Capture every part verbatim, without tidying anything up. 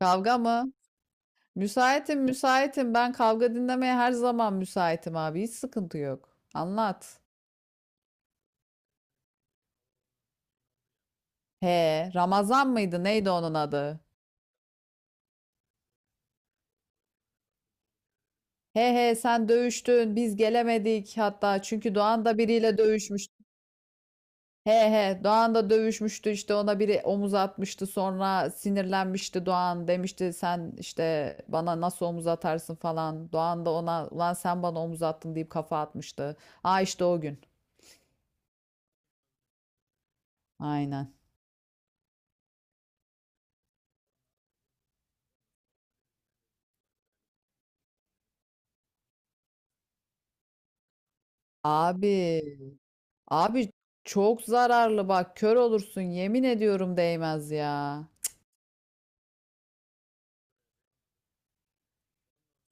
Kavga mı? Müsaitim, müsaitim. Ben kavga dinlemeye her zaman müsaitim abi. Hiç sıkıntı yok. Anlat. He, Ramazan mıydı? Neydi onun adı? He he sen dövüştün. Biz gelemedik hatta. Çünkü Doğan da biriyle dövüşmüştü. He he Doğan da dövüşmüştü işte ona biri omuz atmıştı sonra sinirlenmişti Doğan demişti sen işte bana nasıl omuz atarsın falan. Doğan da ona ulan sen bana omuz attın deyip kafa atmıştı. Aa işte o gün. Aynen. Abi Abi çok zararlı bak kör olursun yemin ediyorum değmez ya.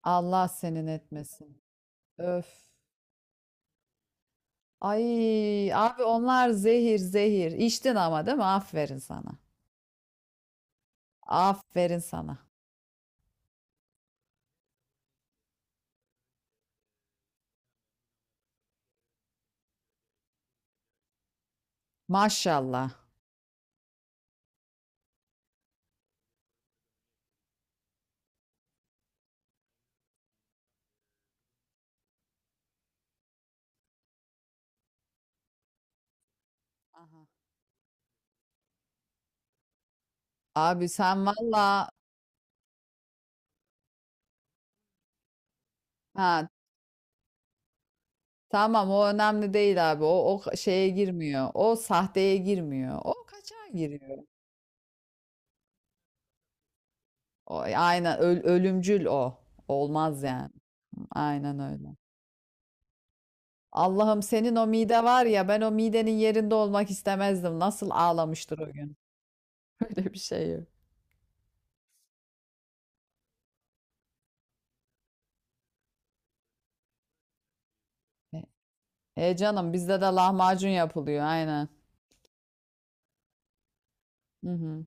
Allah senin etmesin. Öf. Ay abi onlar zehir zehir. İçtin ama değil mi? Aferin sana. Aferin sana. Maşallah. Aha. Abi sen valla ha tamam o önemli değil abi. O o şeye girmiyor. O sahteye girmiyor. O kaçağa giriyor. O aynen öl- ölümcül o. Olmaz yani. Aynen öyle. Allah'ım senin o mide var ya ben o midenin yerinde olmak istemezdim. Nasıl ağlamıştır o gün. Öyle bir şey yok. E, e canım bizde de lahmacun yapılıyor aynen. Hı hı.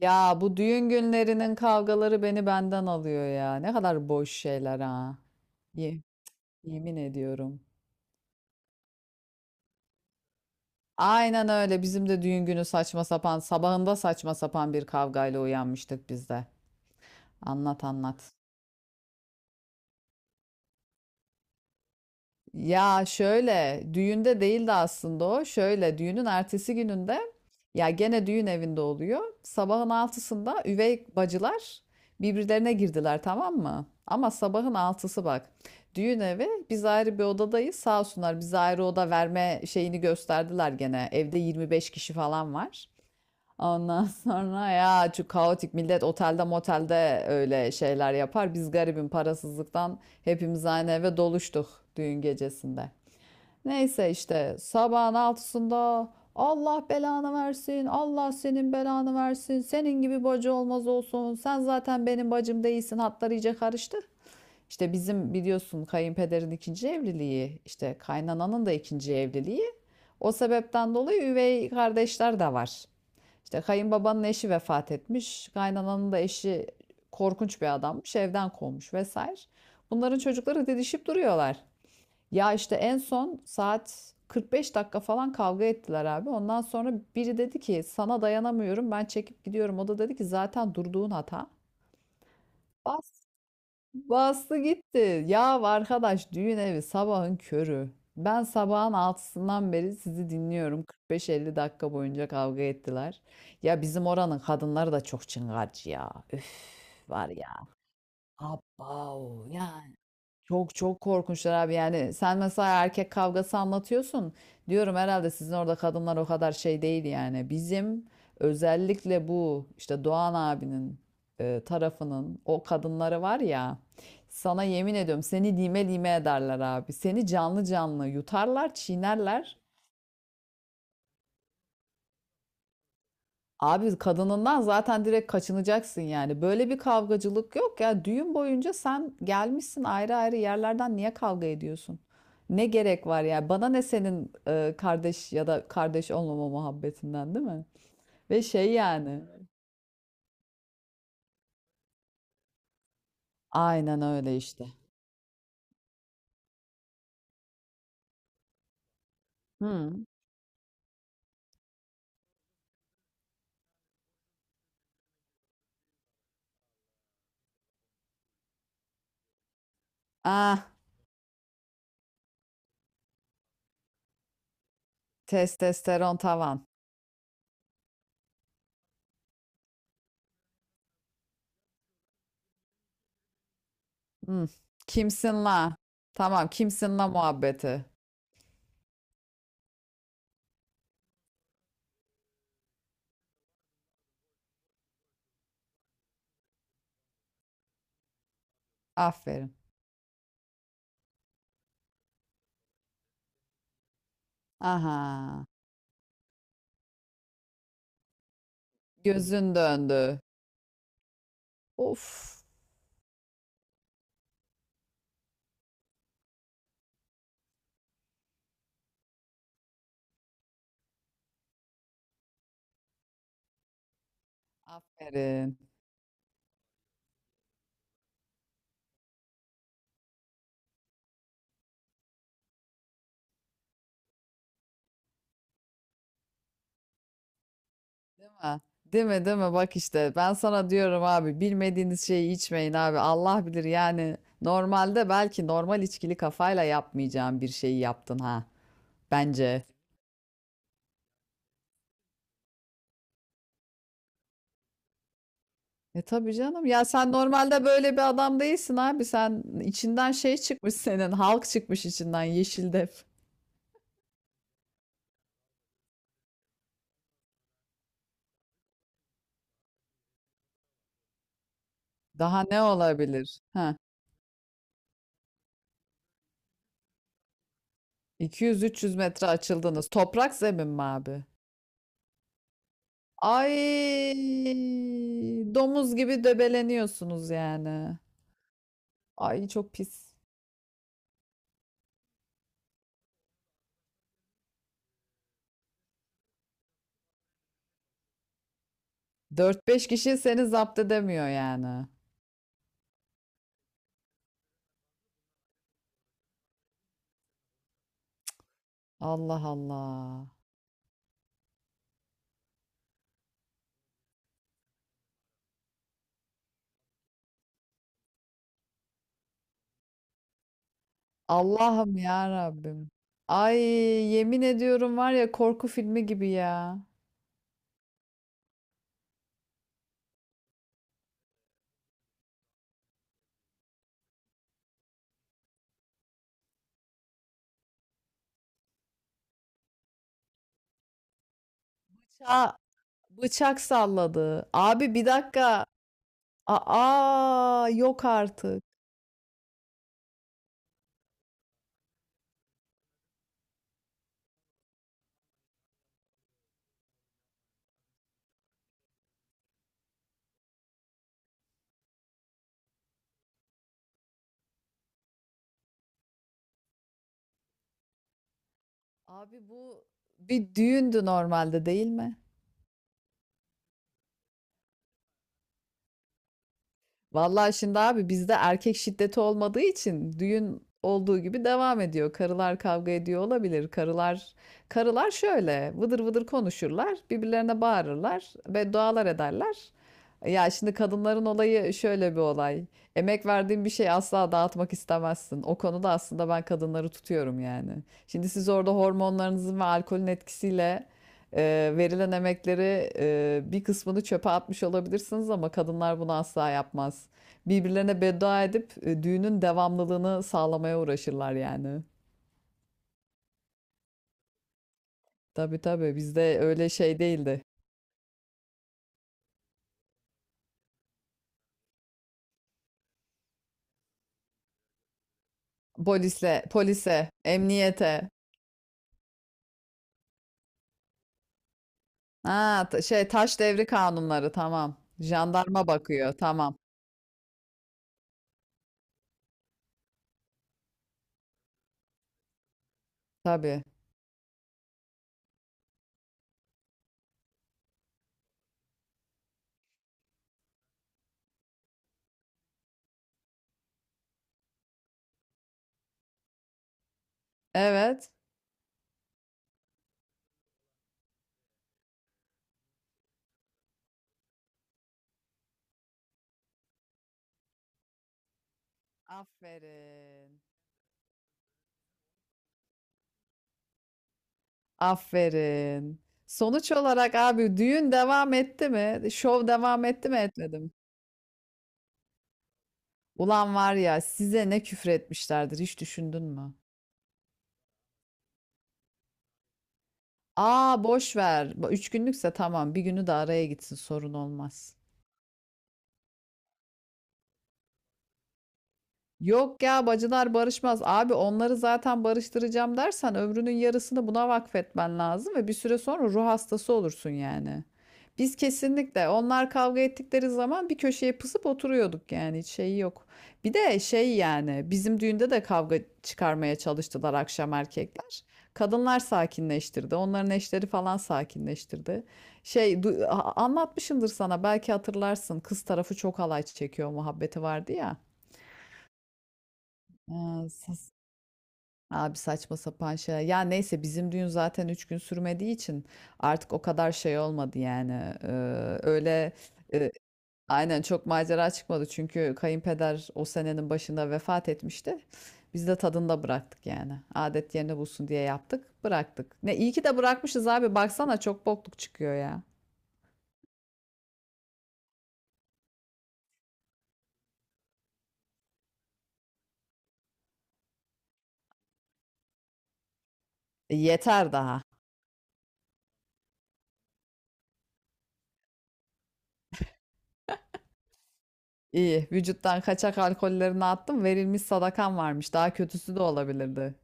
Ya bu düğün günlerinin kavgaları beni benden alıyor ya. Ne kadar boş şeyler ha. Ye- Yemin ediyorum. Aynen öyle. Bizim de düğün günü saçma sapan, sabahında saçma sapan bir kavgayla uyanmıştık biz de. Anlat anlat. Ya şöyle düğünde değildi aslında o. Şöyle düğünün ertesi gününde ya gene düğün evinde oluyor. Sabahın altısında üvey bacılar birbirlerine girdiler, tamam mı? Ama sabahın altısı bak. Düğün evi, biz ayrı bir odadayız. Sağ olsunlar bize ayrı oda verme şeyini gösterdiler gene. Evde yirmi beş kişi falan var. Ondan sonra ya şu kaotik millet otelde motelde öyle şeyler yapar. Biz garibim parasızlıktan hepimiz aynı eve doluştuk düğün gecesinde. Neyse işte sabahın altısında Allah belanı versin, Allah senin belanı versin, senin gibi bacı olmaz olsun, sen zaten benim bacım değilsin, hatlar iyice karıştı. İşte bizim biliyorsun kayınpederin ikinci evliliği, işte kaynananın da ikinci evliliği. O sebepten dolayı üvey kardeşler de var. İşte kayınbabanın eşi vefat etmiş. Kaynananın da eşi korkunç bir adammış. Evden kovmuş vesaire. Bunların çocukları didişip duruyorlar. Ya işte en son saat kırk beş dakika falan kavga ettiler abi. Ondan sonra biri dedi ki sana dayanamıyorum, ben çekip gidiyorum. O da dedi ki zaten durduğun hata. Bas Bastı gitti. Ya arkadaş, düğün evi, sabahın körü. Ben sabahın altısından beri sizi dinliyorum. kırk beş elli dakika boyunca kavga ettiler. Ya bizim oranın kadınları da çok çıngarcı ya. Üf, var ya. Abav ya, çok çok korkunçlar abi. Yani sen mesela erkek kavgası anlatıyorsun, diyorum herhalde sizin orada kadınlar o kadar şey değil. Yani bizim, özellikle bu işte Doğan abinin e, tarafının o kadınları var ya, sana yemin ediyorum seni lime lime ederler abi, seni canlı canlı yutarlar, çiğnerler. Abi kadınından zaten direkt kaçınacaksın yani. Böyle bir kavgacılık yok ya. Düğün boyunca sen gelmişsin ayrı ayrı yerlerden, niye kavga ediyorsun? Ne gerek var ya? Bana ne senin e, kardeş ya da kardeş olmama muhabbetinden, değil mi? Ve şey yani. Aynen öyle işte. Hı. Ah, testosteron tavan. Hı. Kimsin la? Tamam, kimsin la muhabbeti. Aferin. Aha. Gözün döndü. Of. Aferin. Ha, değil mi değil mi? Bak işte ben sana diyorum abi, bilmediğiniz şeyi içmeyin abi. Allah bilir yani, normalde belki normal içkili kafayla yapmayacağın bir şeyi yaptın, ha, bence. E tabii canım ya, sen normalde böyle bir adam değilsin abi. Sen içinden şey çıkmış, senin halk çıkmış içinden yeşil def. Daha ne olabilir? Ha, iki yüz üç yüz metre açıldınız. Toprak zemin mi abi? Ay, domuz gibi döbeleniyorsunuz yani. Ay çok pis. Dört beş kişi seni zapt edemiyor yani. Allah Allah. Allah'ım ya Rabbim. Ay yemin ediyorum, var ya, korku filmi gibi ya. Ça Bıçak salladı. Abi bir dakika. Aa, yok artık. Abi bu bir düğündü normalde, değil mi? Vallahi şimdi abi, bizde erkek şiddeti olmadığı için düğün olduğu gibi devam ediyor. Karılar kavga ediyor olabilir. Karılar karılar şöyle vıdır vıdır konuşurlar, birbirlerine bağırırlar, beddualar ederler. Ya şimdi kadınların olayı şöyle bir olay. Emek verdiğin bir şeyi asla dağıtmak istemezsin. O konuda aslında ben kadınları tutuyorum yani. Şimdi siz orada hormonlarınızın ve alkolün etkisiyle Eee, verilen emekleri, eee, bir kısmını çöpe atmış olabilirsiniz ama kadınlar bunu asla yapmaz. Birbirlerine beddua edip e, düğünün devamlılığını sağlamaya uğraşırlar yani. Tabii tabii bizde öyle şey değildi. Polisle, polise, emniyete. Ha, ta- şey, taş devri kanunları, tamam. Jandarma bakıyor, tamam. Tabii. Evet. Aferin. Aferin. Sonuç olarak abi, düğün devam etti mi? Şov devam etti mi, etmedi mi? Ulan var ya, size ne küfür etmişlerdir hiç düşündün mü? Aa boş ver. Bu üç günlükse tamam, bir günü de araya gitsin, sorun olmaz. Yok ya, bacılar barışmaz. Abi onları zaten barıştıracağım dersen ömrünün yarısını buna vakfetmen lazım ve bir süre sonra ruh hastası olursun yani. Biz kesinlikle onlar kavga ettikleri zaman bir köşeye pısıp oturuyorduk, yani hiç şey yok. Bir de şey yani, bizim düğünde de kavga çıkarmaya çalıştılar akşam erkekler. Kadınlar sakinleştirdi. Onların eşleri falan sakinleştirdi. Şey du- a- anlatmışımdır sana, belki hatırlarsın. Kız tarafı çok alay çekiyor muhabbeti vardı ya. Ee, Abi saçma sapan şey. Ya neyse bizim düğün zaten üç gün sürmediği için artık o kadar şey olmadı yani. Ee, öyle e, aynen, çok macera çıkmadı. Çünkü kayınpeder o senenin başında vefat etmişti. Biz de tadında bıraktık yani. Adet yerine bulsun diye yaptık, bıraktık. Ne iyi ki de bırakmışız abi. Baksana çok bokluk çıkıyor ya. E, yeter daha. İyi. Vücuttan kaçak alkollerini attım. Verilmiş sadakan varmış. Daha kötüsü de olabilirdi.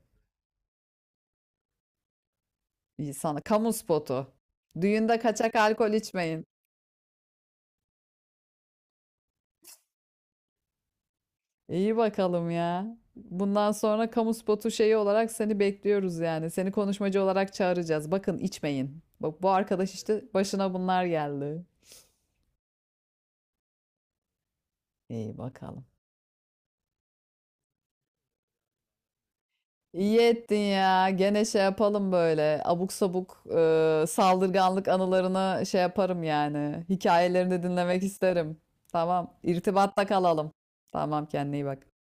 Sana. Kamu spotu. Düğünde kaçak alkol içmeyin. İyi bakalım ya. Bundan sonra kamu spotu şeyi olarak seni bekliyoruz yani. Seni konuşmacı olarak çağıracağız. Bakın içmeyin. Bak bu arkadaş işte, başına bunlar geldi. İyi bakalım. İyi ettin ya. Gene şey yapalım böyle. Abuk sabuk e, saldırganlık anılarını şey yaparım yani. Hikayelerini dinlemek isterim. Tamam. İrtibatta kalalım. Tamam, kendine iyi bak.